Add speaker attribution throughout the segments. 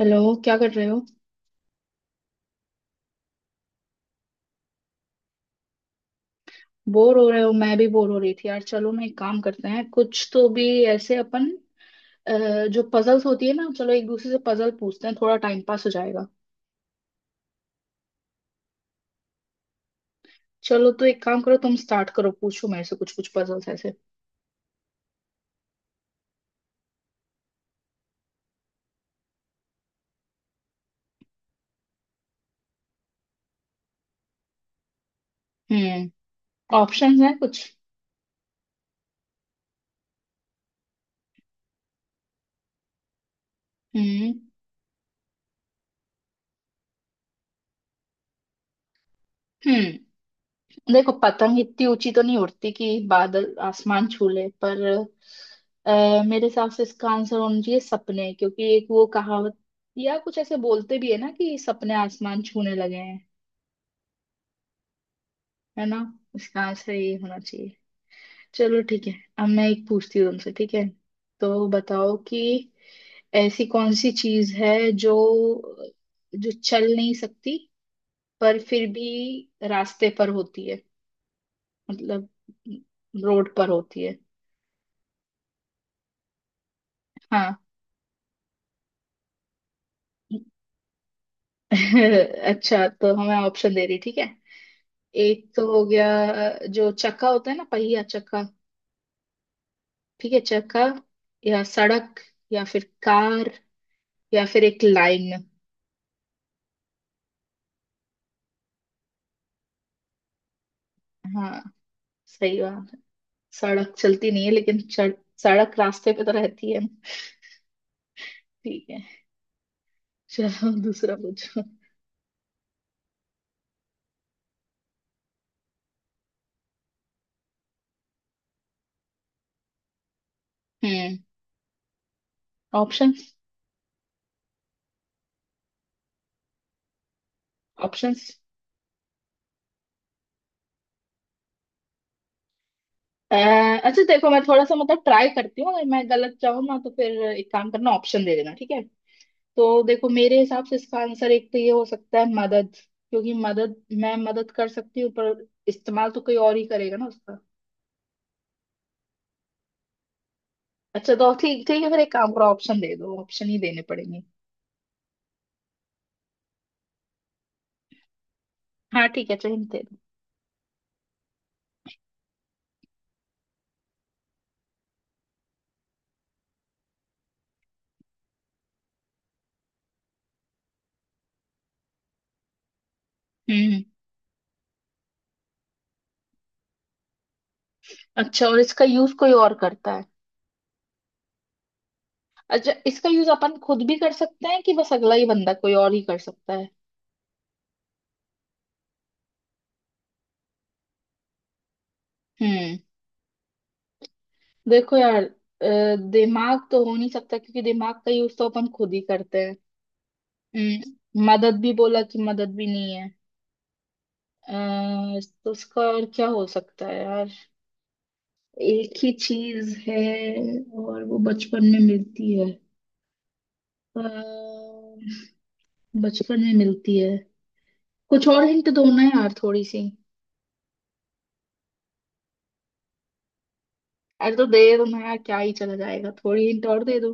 Speaker 1: Hello, क्या कर रहे हो? बोर हो रहे हो? मैं भी बोर हो रही थी यार। चलो, मैं एक काम करते हैं, कुछ तो भी ऐसे, अपन जो पजल्स होती है ना, चलो एक दूसरे से पजल पूछते हैं, थोड़ा टाइम पास हो जाएगा। चलो, तो एक काम करो, तुम स्टार्ट करो, पूछो मेरे से कुछ कुछ पजल्स ऐसे। हम्म। ऑप्शंस हैं कुछ? हम्म, हम्म। देखो, पतंग इतनी ऊंची तो नहीं उड़ती कि बादल आसमान छू ले, पर अ, मेरे हिसाब से इसका आंसर होना चाहिए सपने, क्योंकि एक वो कहावत या कुछ ऐसे बोलते भी है ना कि सपने आसमान छूने लगे हैं। है ना? इसका आंसर ये होना चाहिए। चलो ठीक है। अब मैं एक पूछती हूँ तुमसे, ठीक है? तो बताओ कि ऐसी कौन सी चीज है जो जो चल नहीं सकती, पर फिर भी रास्ते पर होती है, मतलब रोड पर होती है। हाँ। अच्छा, तो हमें ऑप्शन दे रही। ठीक है। एक तो हो गया, जो चक्का होता है ना, पहिया, चक्का। ठीक है, चक्का या सड़क या फिर कार या फिर एक लाइन। हाँ, सही बात है। सड़क चलती नहीं है, लेकिन सड़क रास्ते पे तो रहती है ना। ठीक है, चलो दूसरा पूछो। हम्म। Options, options. अ, अच्छा देखो, मैं थोड़ा सा मतलब ट्राई करती हूँ, अगर मैं गलत जाऊँ ना तो फिर एक काम करना, ऑप्शन दे देना, ठीक है? तो देखो, मेरे हिसाब से इसका आंसर एक तो ये हो सकता है, मदद, क्योंकि मदद मैं मदद कर सकती हूँ, पर इस्तेमाल तो कोई और ही करेगा ना उसका। अच्छा तो ठीक, ठीक है, फिर एक काम करो ऑप्शन दे दो, ऑप्शन ही देने पड़ेंगे। हाँ ठीक है, चलो hint दे दो। हम्म। अच्छा, और इसका यूज कोई और करता है? अच्छा, इसका यूज अपन खुद भी कर सकते हैं कि बस अगला ही बंदा कोई और ही कर सकता है? हम्म देखो यार, दिमाग तो हो नहीं सकता, क्योंकि दिमाग का यूज तो अपन खुद ही करते हैं। मदद भी बोला कि मदद भी नहीं है। तो उसका और क्या हो सकता है यार? एक ही चीज है और वो बचपन में मिलती है। अ, बचपन में मिलती है। कुछ और हिंट दो ना यार थोड़ी सी। अरे, तो दे दो ना यार, क्या ही चला जाएगा, थोड़ी हिंट और दे दो।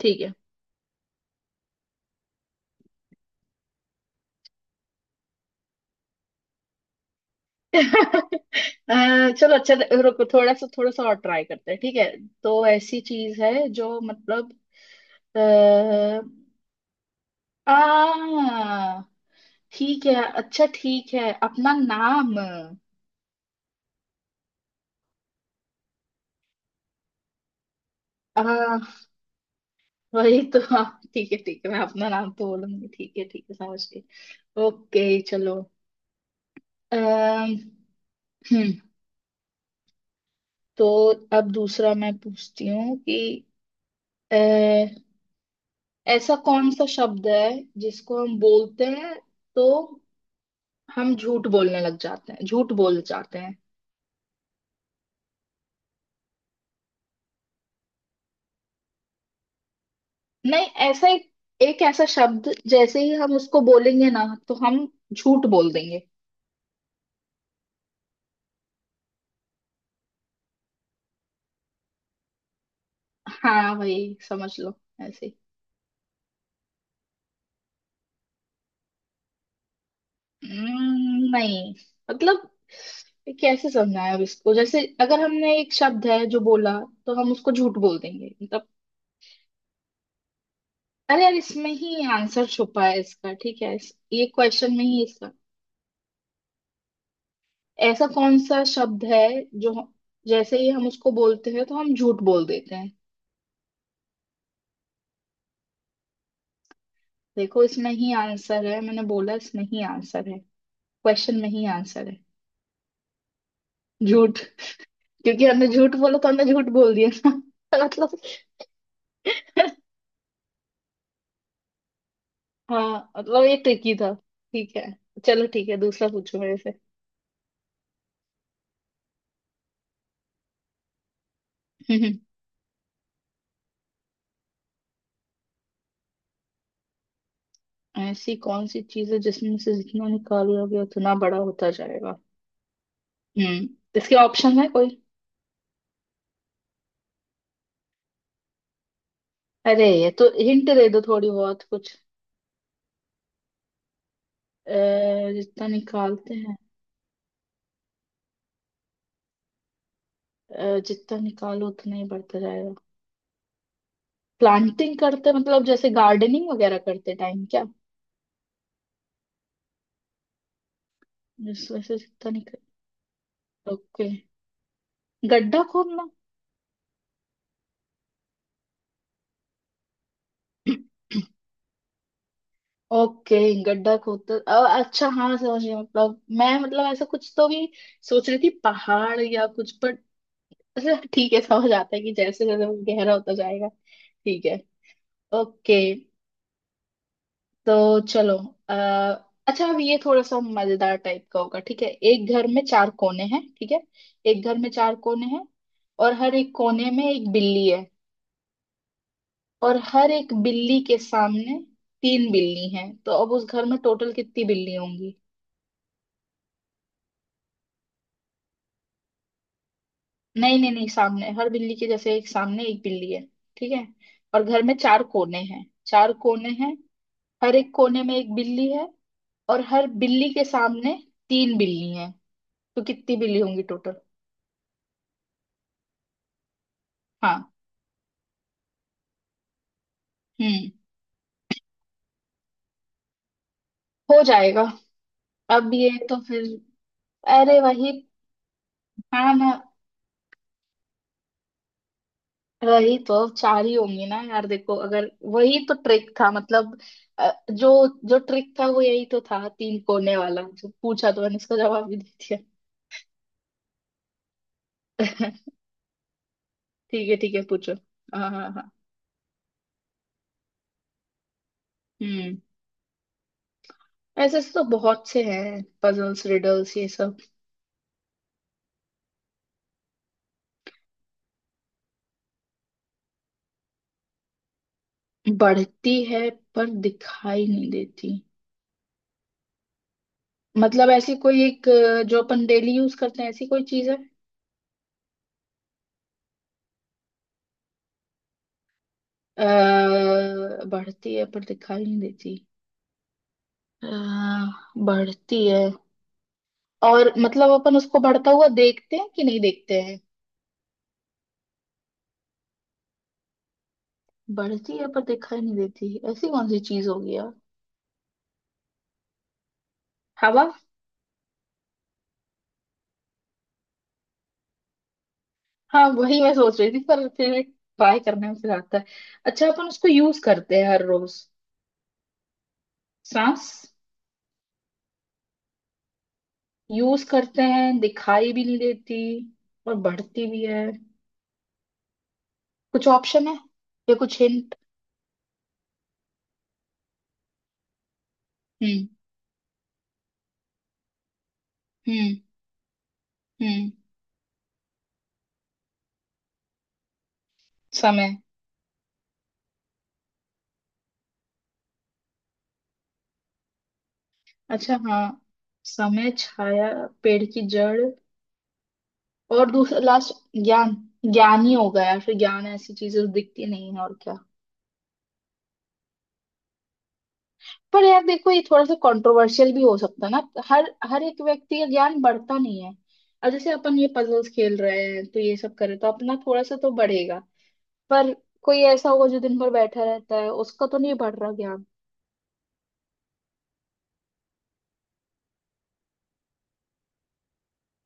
Speaker 1: ठीक है। चलो अच्छा, रुको थोड़ा सा, थोड़ा सा और ट्राई करते हैं, ठीक है। तो ऐसी चीज है जो मतलब आ, आ ठीक है, अच्छा ठीक है, अपना नाम। वही तो हाँ, ठीक है ठीक है, मैं अपना नाम तो बोलूंगी, ठीक है ठीक है, समझ गई। ओके चलो। अम्म हम्म, तो अब दूसरा मैं पूछती हूँ कि अ, ऐसा कौन सा शब्द है जिसको हम बोलते हैं तो हम झूठ बोलने लग जाते हैं, झूठ बोल जाते हैं। नहीं, ऐसा एक ऐसा शब्द जैसे ही हम उसको बोलेंगे ना तो हम झूठ बोल देंगे। हाँ, वही समझ लो, ऐसे ही। नहीं मतलब, ये कैसे समझाएं अब इसको, जैसे अगर हमने एक शब्द है जो बोला तो हम उसको झूठ बोल देंगे मतलब। अरे यार, इसमें ही आंसर छुपा है इसका, ठीक है, ये क्वेश्चन में ही इसका। ऐसा कौन सा शब्द है जो जैसे ही हम उसको बोलते हैं तो हम झूठ बोल देते हैं। देखो, इसमें ही आंसर है, मैंने बोला इसमें ही आंसर है, क्वेश्चन में ही आंसर है। झूठ। क्योंकि हमने झूठ बोला तो हमने झूठ बोल दिया ना। मतलब। हाँ मतलब, ये ट्रिकी था। ठीक है चलो, ठीक है, दूसरा पूछो मेरे से। ऐसी कौन सी चीज है जिसमें से जितना निकालोगे उतना बड़ा होता जाएगा? हम्म। इसके ऑप्शन है कोई? अरे, ये तो हिंट दे दो थोड़ी बहुत कुछ। अ, जितना निकालते हैं, जितना निकालो उतना ही बढ़ता जाएगा, प्लांटिंग करते मतलब जैसे गार्डनिंग वगैरह करते टाइम क्या? जिस वजह से जितना निकाल, ओके। गड्ढा खोदना। ओके, गड्ढा खोदते अच्छा हाँ, समझ गया, मतलब मैं मतलब ऐसा कुछ तो भी सोच रही थी, पहाड़ या कुछ, पर अच्छा ठीक है, समझ आता है कि जैसे जैसे वो गहरा होता जाएगा। ठीक है ओके। तो चलो, आ, अच्छा अब ये थोड़ा सा मजेदार टाइप का होगा, ठीक है? एक घर में चार कोने हैं, ठीक है? एक घर में चार कोने हैं और हर एक कोने में एक बिल्ली है, और हर एक बिल्ली के सामने तीन बिल्ली हैं, तो अब उस घर में टोटल कितनी बिल्ली होंगी? नहीं नहीं नहीं, सामने हर बिल्ली के, जैसे एक सामने एक बिल्ली है, ठीक है? और घर में चार कोने हैं, चार कोने हैं, हर एक कोने में एक बिल्ली है और हर बिल्ली के सामने तीन बिल्ली हैं, तो कितनी बिल्ली होंगी टोटल? हाँ। हम्म। हो जाएगा। अब ये तो फिर, अरे वही, हाँ ना, वही तो चार ही होंगी ना यार, देखो। अगर वही तो ट्रिक था मतलब। जो जो ट्रिक था वो यही तो था, तीन कोने वाला जो पूछा तो मैंने इसका जवाब भी दे दिया। ठीक है ठीक है, पूछो। हाँ हाँ हाँ। हम्म ऐसे ऐसे तो बहुत से हैं, पजल्स, रिडल्स, ये सब। बढ़ती है पर दिखाई नहीं देती? मतलब ऐसी कोई एक जो अपन डेली यूज करते हैं, ऐसी कोई चीज है? बढ़ती है पर दिखाई नहीं देती, अ, बढ़ती है, और मतलब अपन उसको बढ़ता हुआ देखते हैं कि नहीं देखते हैं? बढ़ती है पर दिखाई नहीं देती, ऐसी कौन सी चीज होगी यार? हवा। हाँ, वही मैं सोच रही थी पर फिर ट्राई करने में फिर आता है। अच्छा, अपन उसको यूज करते हैं हर रोज? सांस। यूज करते हैं, दिखाई भी नहीं देती और बढ़ती भी है। कुछ ऑप्शन है या कुछ हिंट? हम्म, हम्म, हम्म, समय। अच्छा हाँ, समय, छाया, पेड़ की जड़, और दूसरा लास्ट, ज्ञान। ज्ञान ही होगा यार फिर, ज्ञान, ऐसी चीजें तो दिखती नहीं है और क्या। पर यार देखो, ये थोड़ा सा कंट्रोवर्शियल भी हो सकता है ना, हर हर एक व्यक्ति का ज्ञान बढ़ता नहीं है। अब जैसे अपन ये पजल्स खेल रहे हैं तो ये सब करे तो अपना थोड़ा सा तो बढ़ेगा, पर कोई ऐसा होगा जो दिन भर बैठा रहता है, उसका तो नहीं बढ़ रहा ज्ञान।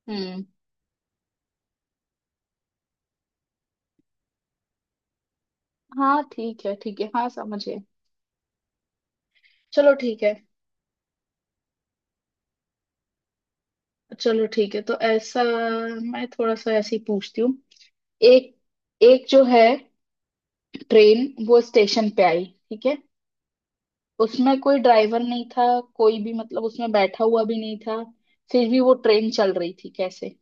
Speaker 1: हम्म। हाँ ठीक है ठीक है, हाँ समझे। चलो ठीक है। चलो ठीक है, तो ऐसा मैं थोड़ा सा ऐसे ही पूछती हूँ। एक एक जो है ट्रेन, वो स्टेशन पे आई, ठीक है? उसमें कोई ड्राइवर नहीं था, कोई भी मतलब उसमें बैठा हुआ भी नहीं था, फिर भी वो ट्रेन चल रही थी, कैसे?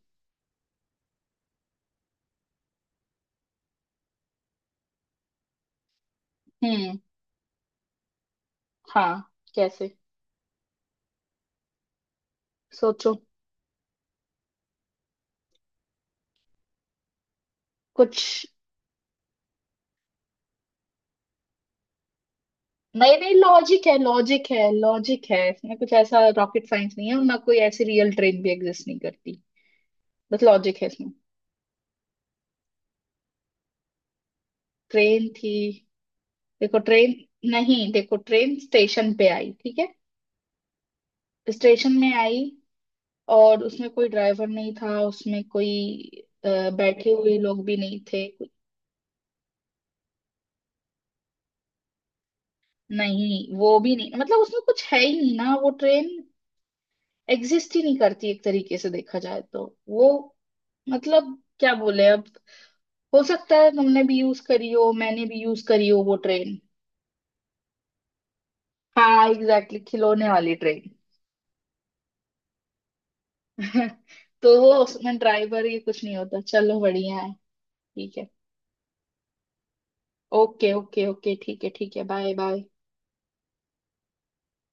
Speaker 1: हम्म। हाँ, कैसे? सोचो कुछ। नहीं नहीं, लॉजिक है, लॉजिक है, लॉजिक है इसमें, कुछ ऐसा रॉकेट साइंस नहीं है और ना कोई ऐसी रियल ट्रेन भी एग्जिस्ट नहीं करती, बस लॉजिक है इसमें। ट्रेन थी, देखो ट्रेन, नहीं देखो, ट्रेन स्टेशन पे आई, ठीक है? स्टेशन में आई, और उसमें कोई ड्राइवर नहीं था, उसमें कोई अ, बैठे हुए लोग भी नहीं थे, नहीं वो भी नहीं, मतलब उसमें कुछ है ही नहीं ना, वो ट्रेन एग्जिस्ट ही नहीं करती एक तरीके से देखा जाए तो, वो मतलब क्या बोले अब, हो सकता है तुमने भी यूज करी हो मैंने भी यूज करी हो वो ट्रेन। हाँ, एग्जैक्टली, खिलौने वाली ट्रेन। तो वो, उसमें ड्राइवर ये कुछ नहीं होता। चलो बढ़िया है। ठीक है। ओके ओके ओके, ठीक है ठीक है, बाय बाय।